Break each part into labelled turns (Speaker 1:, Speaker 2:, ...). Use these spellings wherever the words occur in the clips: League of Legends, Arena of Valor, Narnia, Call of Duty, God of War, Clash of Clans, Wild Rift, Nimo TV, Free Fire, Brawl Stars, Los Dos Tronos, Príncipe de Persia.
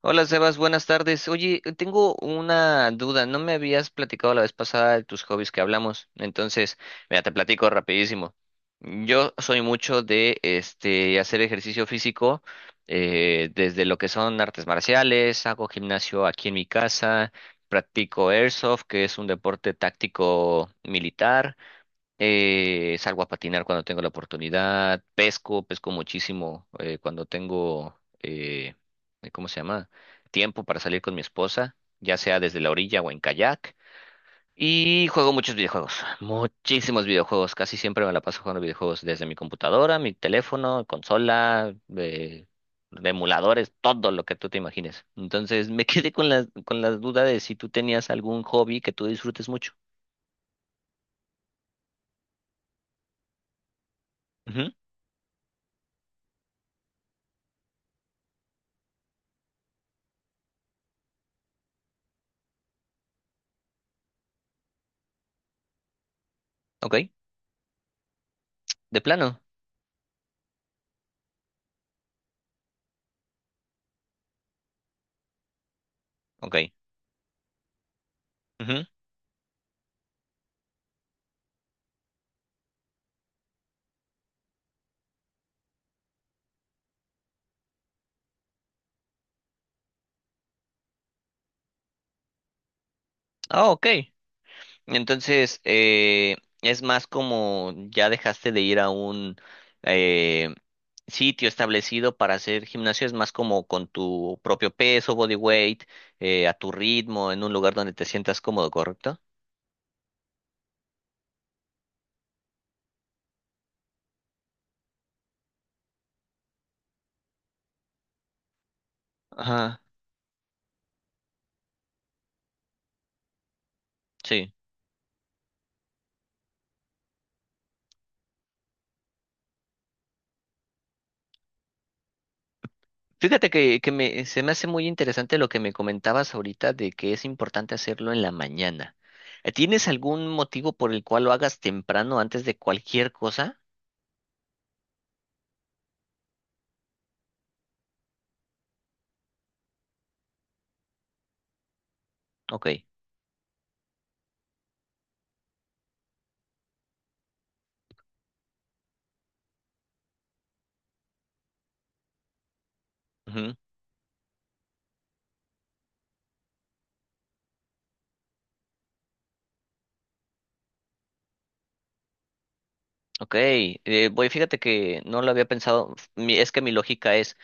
Speaker 1: Hola Sebas, buenas tardes. Oye, tengo una duda. No me habías platicado la vez pasada de tus hobbies que hablamos. Entonces, mira, te platico rapidísimo. Yo soy mucho de hacer ejercicio físico, desde lo que son artes marciales, hago gimnasio aquí en mi casa, practico airsoft, que es un deporte táctico militar. Salgo a patinar cuando tengo la oportunidad, pesco, pesco muchísimo cuando tengo, ¿cómo se llama? Tiempo para salir con mi esposa, ya sea desde la orilla o en kayak. Y juego muchos videojuegos, muchísimos videojuegos, casi siempre me la paso jugando videojuegos desde mi computadora, mi teléfono, consola, emuladores, todo lo que tú te imagines. Entonces me quedé con la duda de si tú tenías algún hobby que tú disfrutes mucho. Ujú. Ok, de plano, ok. Ujú. Ah, ok. Entonces, es más como ya dejaste de ir a un eh, sitio establecido para hacer gimnasio, es más como con tu propio peso, body weight, a tu ritmo, en un lugar donde te sientas cómodo, ¿correcto? Ajá, sí. Fíjate que se me hace muy interesante lo que me comentabas ahorita de que es importante hacerlo en la mañana. ¿Tienes algún motivo por el cual lo hagas temprano antes de cualquier cosa? Ok. Ok, fíjate que no lo había pensado. Es que mi lógica es,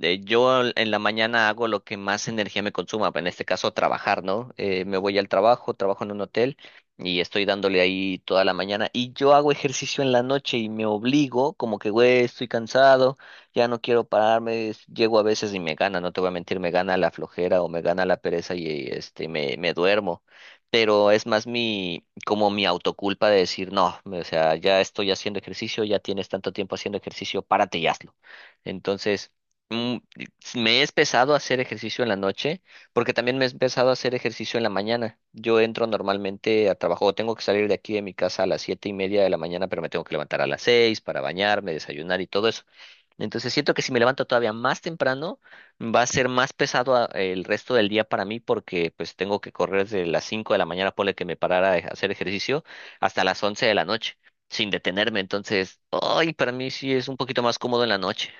Speaker 1: yo en la mañana hago lo que más energía me consuma, en este caso trabajar, ¿no? Me voy al trabajo, trabajo en un hotel y estoy dándole ahí toda la mañana, y yo hago ejercicio en la noche y me obligo, como que, güey, estoy cansado, ya no quiero pararme, llego a veces y me gana, no te voy a mentir, me gana la flojera o me gana la pereza y este, me duermo. Pero es más mi, como mi autoculpa de decir, no, o sea, ya estoy haciendo ejercicio, ya tienes tanto tiempo haciendo ejercicio, párate y hazlo. Entonces mm, me he empezado a hacer ejercicio en la noche, porque también me he empezado a hacer ejercicio en la mañana. Yo entro normalmente a trabajo, tengo que salir de aquí de mi casa a las siete y media de la mañana, pero me tengo que levantar a las seis para bañarme, desayunar y todo eso. Entonces siento que si me levanto todavía más temprano, va a ser más pesado el resto del día para mí, porque pues tengo que correr desde las cinco de la mañana, ponle que me parara a hacer ejercicio, hasta las once de la noche, sin detenerme. Entonces, ay, para mí sí es un poquito más cómodo en la noche.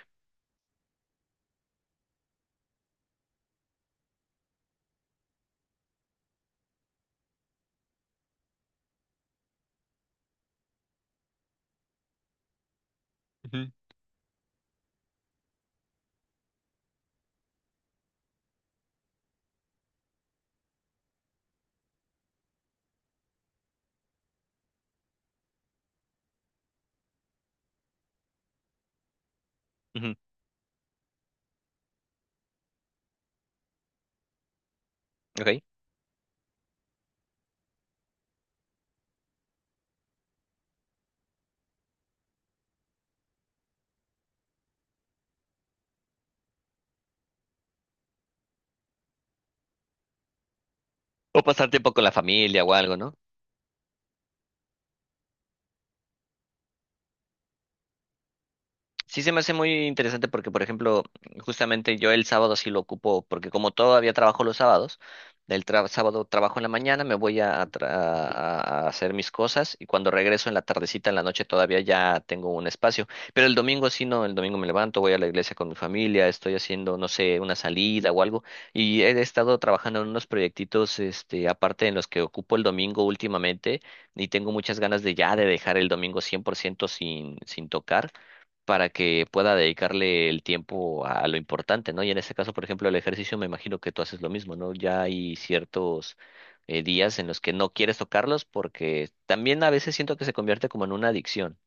Speaker 1: Ujú, ujú, ok. O pasar tiempo con la familia o algo, ¿no? Sí, se me hace muy interesante porque, por ejemplo, justamente yo el sábado sí lo ocupo, porque como todavía trabajo los sábados, sábado trabajo en la mañana, me voy a, tra- a hacer mis cosas, y cuando regreso en la tardecita, en la noche todavía ya tengo un espacio. Pero el domingo sí no, el domingo me levanto, voy a la iglesia con mi familia, estoy haciendo, no sé, una salida o algo. Y he estado trabajando en unos proyectitos, este, aparte, en los que ocupo el domingo últimamente, y tengo muchas ganas de ya de dejar el domingo 100% sin, sin tocar, para que pueda dedicarle el tiempo a lo importante, ¿no? Y en este caso, por ejemplo, el ejercicio, me imagino que tú haces lo mismo, ¿no? Ya hay ciertos días en los que no quieres tocarlos porque también a veces siento que se convierte como en una adicción.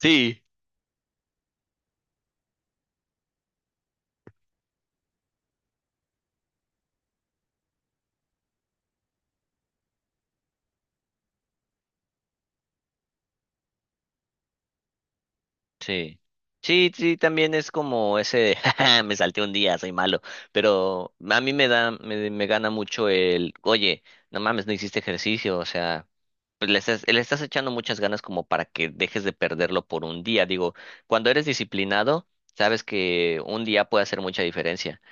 Speaker 1: Sí. Sí. Sí, sí, también es como ese de, "Jaja, me salté un día, soy malo". Pero a mí me da, me gana mucho el, oye, no mames, no hiciste ejercicio, o sea, pues le estás echando muchas ganas como para que dejes de perderlo por un día. Digo, cuando eres disciplinado, sabes que un día puede hacer mucha diferencia.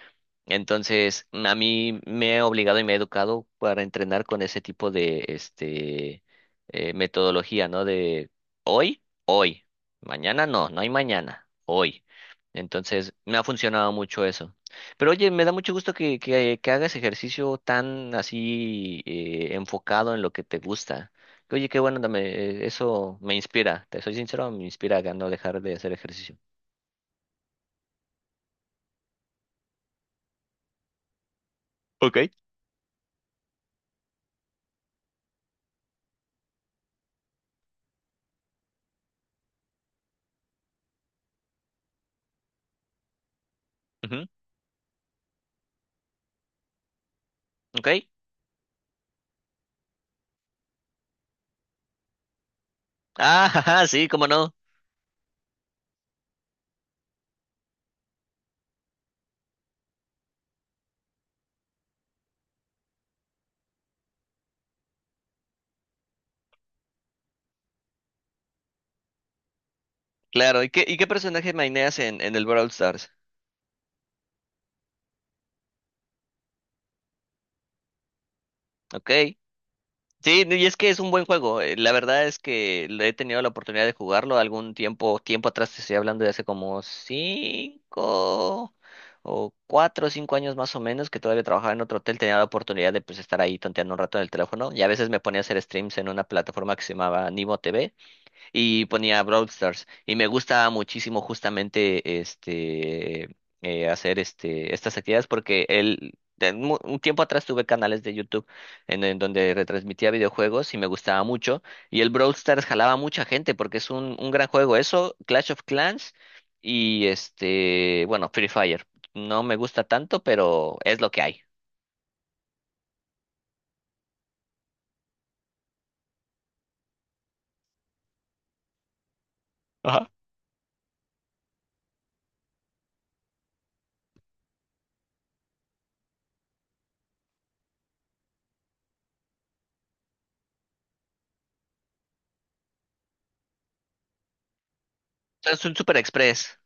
Speaker 1: Entonces, a mí me he obligado y me he educado para entrenar con ese tipo de metodología, ¿no? De hoy, hoy, mañana no, no hay mañana, hoy. Entonces, me ha funcionado mucho eso. Pero oye, me da mucho gusto que hagas ejercicio tan así enfocado en lo que te gusta. Que, oye, qué bueno, dame, eso me inspira, te soy sincero, me inspira a no dejar de hacer ejercicio. Ok. Ujú. ¿Ok? Ah, ajá, sí, cómo no. Claro, ¿y qué personaje maineas en el Brawl Stars? Ok. Sí, y es que es un buen juego. La verdad es que le he tenido la oportunidad de jugarlo algún tiempo, tiempo atrás, te estoy hablando de hace como cinco o cuatro o cinco años más o menos, que todavía trabajaba en otro hotel, tenía la oportunidad de pues estar ahí tonteando un rato en el teléfono y a veces me ponía a hacer streams en una plataforma que se llamaba Nimo TV y ponía Brawl Stars. Y me gusta muchísimo justamente hacer estas actividades porque un tiempo atrás tuve canales de YouTube en donde retransmitía videojuegos y me gustaba mucho. Y el Brawl Stars jalaba a mucha gente porque es un gran juego. Eso, Clash of Clans y este, bueno, Free Fire. No me gusta tanto, pero es lo que hay. Ajá. O sea, es un Super Express.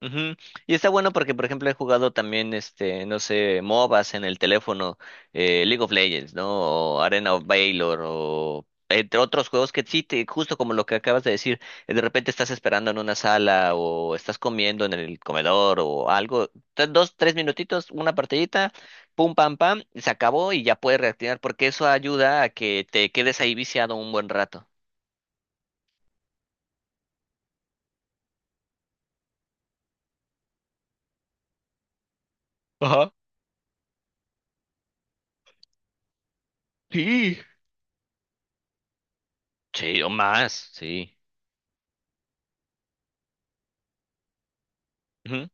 Speaker 1: Ujú. Y está bueno porque, por ejemplo, he jugado también, este, no sé, MOBAs en el teléfono, League of Legends, ¿no? O Arena of Valor, o entre otros juegos que sí, justo como lo que acabas de decir, de repente estás esperando en una sala o estás comiendo en el comedor o algo, dos, tres minutitos, una partidita, pum, pam, pam, y se acabó y ya puedes reactivar porque eso ayuda a que te quedes ahí viciado un buen rato. Ajá. Sí. Sí, o más, sí. Ujú.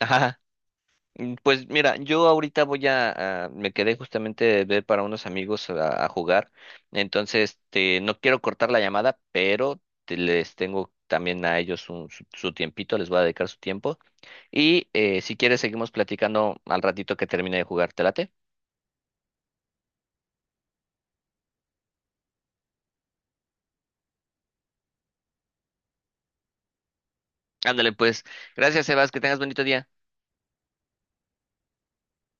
Speaker 1: Ajá. Mm, pues mira, yo ahorita me quedé justamente de ver para unos amigos a jugar, entonces este, no quiero cortar la llamada, pero les tengo también a ellos su, su tiempito, les voy a dedicar su tiempo y si quieres seguimos platicando al ratito que termine de jugar, ¿te late? Ándale pues, gracias Sebas, que tengas bonito día.